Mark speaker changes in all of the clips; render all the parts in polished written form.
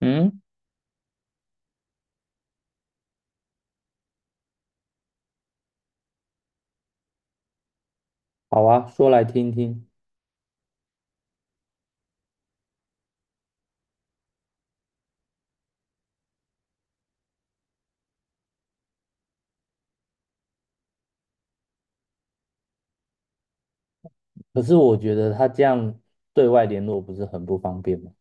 Speaker 1: 嗯，好啊，说来听听。可是我觉得他这样对外联络不是很不方便吗？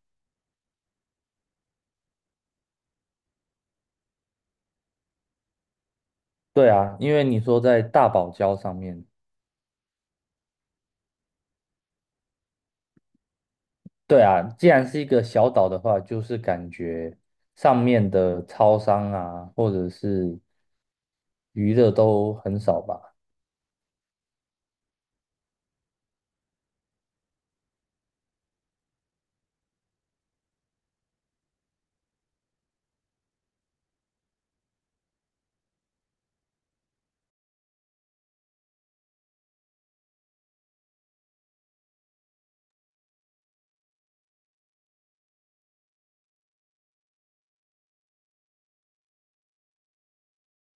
Speaker 1: 对啊，因为你说在大堡礁上面，对啊，既然是一个小岛的话，就是感觉上面的超商啊，或者是娱乐都很少吧。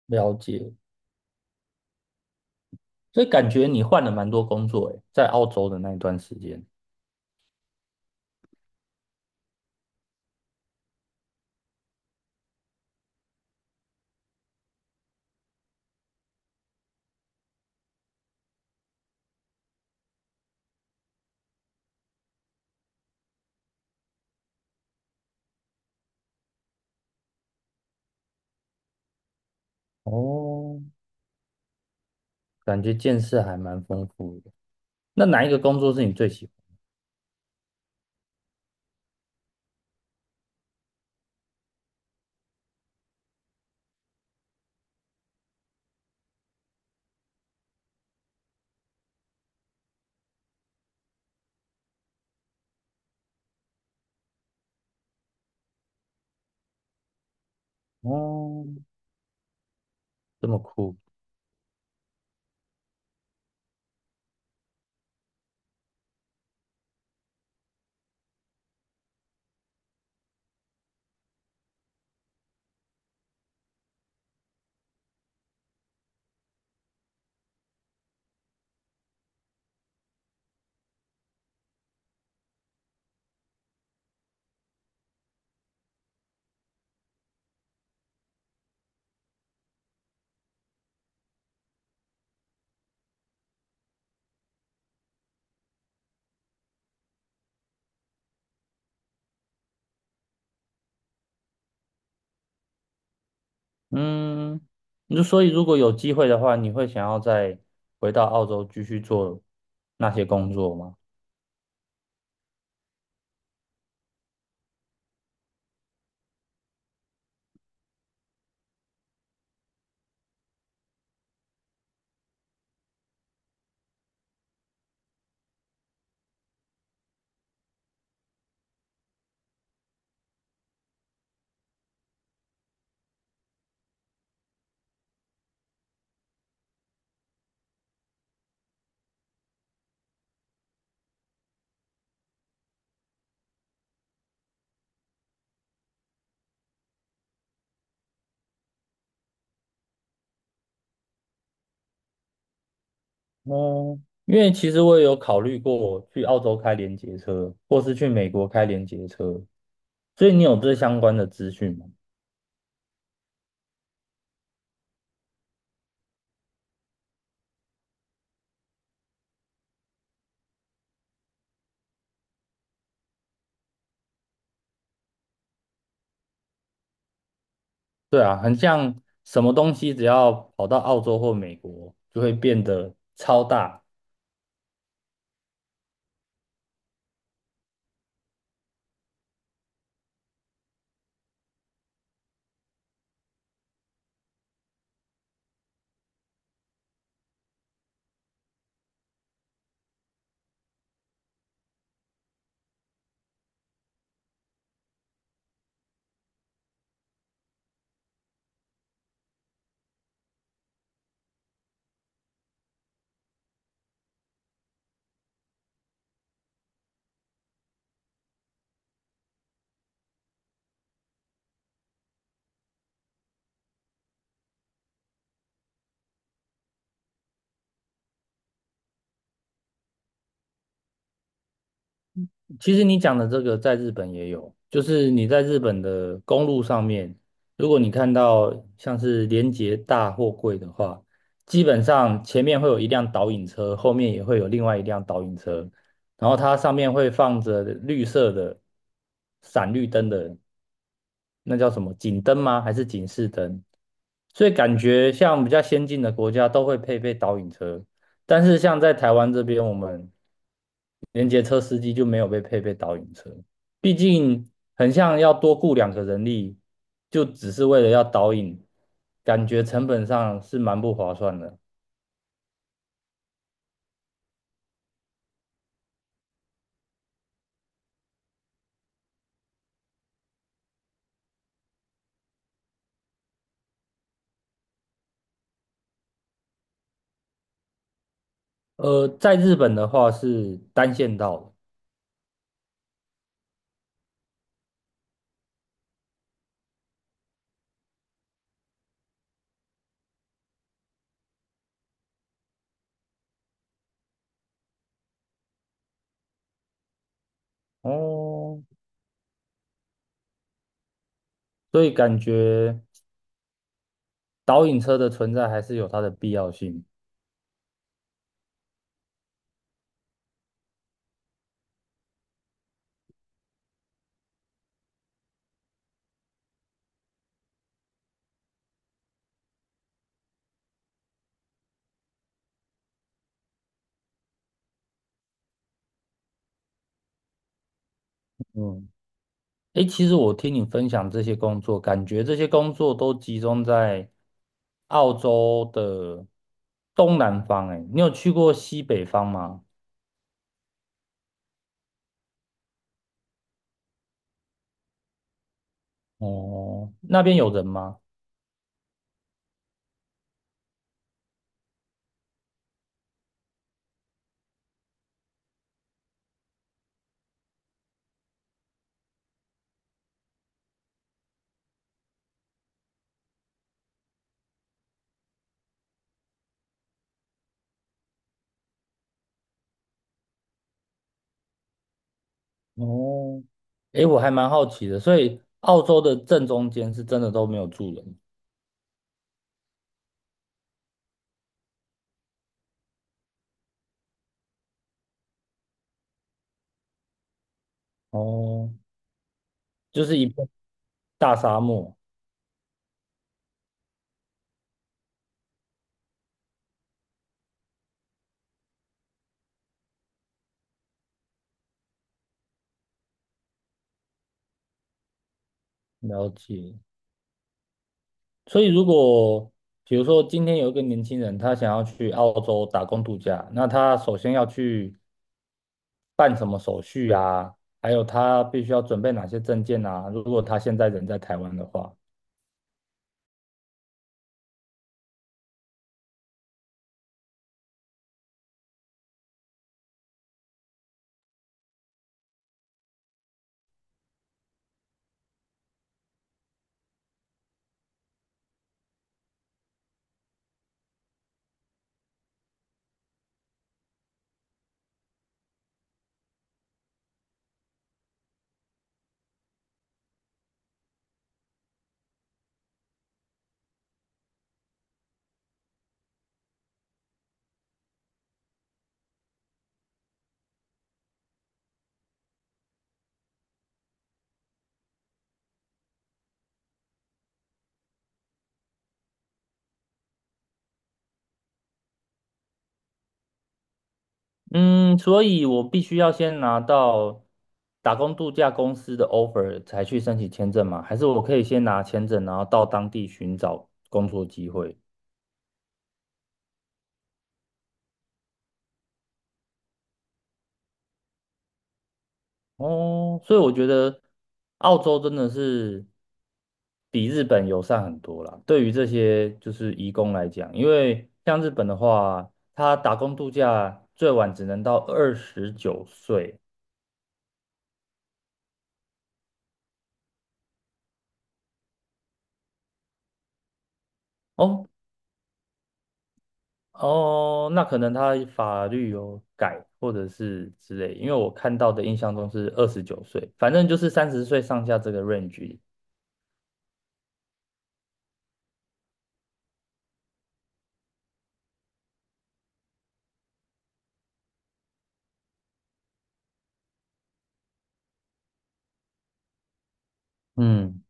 Speaker 1: 了解，所以感觉你换了蛮多工作诶，在澳洲的那一段时间。哦，感觉见识还蛮丰富的。那哪一个工作是你最喜欢？哦，这么酷。嗯，你就所以如果有机会的话，你会想要再回到澳洲继续做那些工作吗？哦，因为其实我也有考虑过去澳洲开联结车，或是去美国开联结车，所以你有这相关的资讯吗？对啊，很像什么东西只要跑到澳洲或美国，就会变得超大，其实你讲的这个在日本也有，就是你在日本的公路上面，如果你看到像是连接大货柜的话，基本上前面会有一辆导引车，后面也会有另外一辆导引车，然后它上面会放着绿色的闪绿灯的，那叫什么警灯吗？还是警示灯？所以感觉像比较先进的国家都会配备导引车，但是像在台湾这边，我们连接车司机就没有被配备导引车，毕竟很像要多雇两个人力，就只是为了要导引，感觉成本上是蛮不划算的。在日本的话是单线道的哦，所以感觉导引车的存在还是有它的必要性。嗯，诶，其实我听你分享这些工作，感觉这些工作都集中在澳洲的东南方。诶，你有去过西北方吗？哦，那边有人吗？哦，诶，我还蛮好奇的，所以澳洲的正中间是真的都没有住人，哦，就是一片大沙漠。了解。所以如果比如说今天有一个年轻人，他想要去澳洲打工度假，那他首先要去办什么手续啊？还有他必须要准备哪些证件啊？如果他现在人在台湾的话。嗯，所以我必须要先拿到打工度假公司的 offer 才去申请签证吗？还是我可以先拿签证，然后到当地寻找工作机会？哦，所以我觉得澳洲真的是比日本友善很多啦。对于这些就是移工来讲，因为像日本的话，他打工度假最晚只能到二十九岁。哦，哦，那可能他法律有改，或者是之类，因为我看到的印象中是二十九岁，反正就是30岁上下这个 range 嗯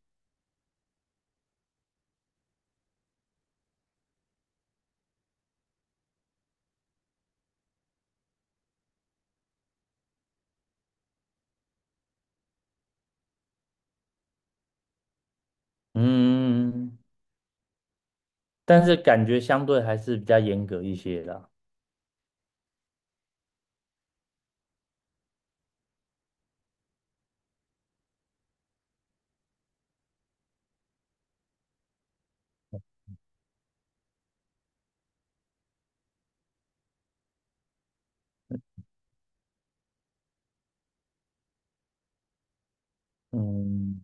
Speaker 1: 嗯，但是感觉相对还是比较严格一些啦。嗯，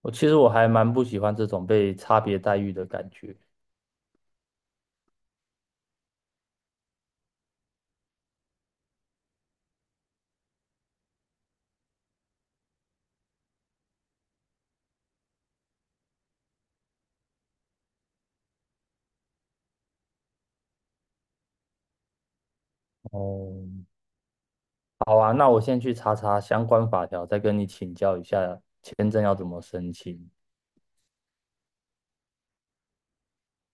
Speaker 1: 我其实我还蛮不喜欢这种被差别待遇的感觉。哦，好啊，那我先去查查相关法条，再跟你请教一下签证要怎么申请。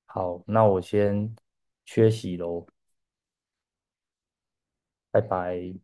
Speaker 1: 好，那我先缺席喽，拜拜。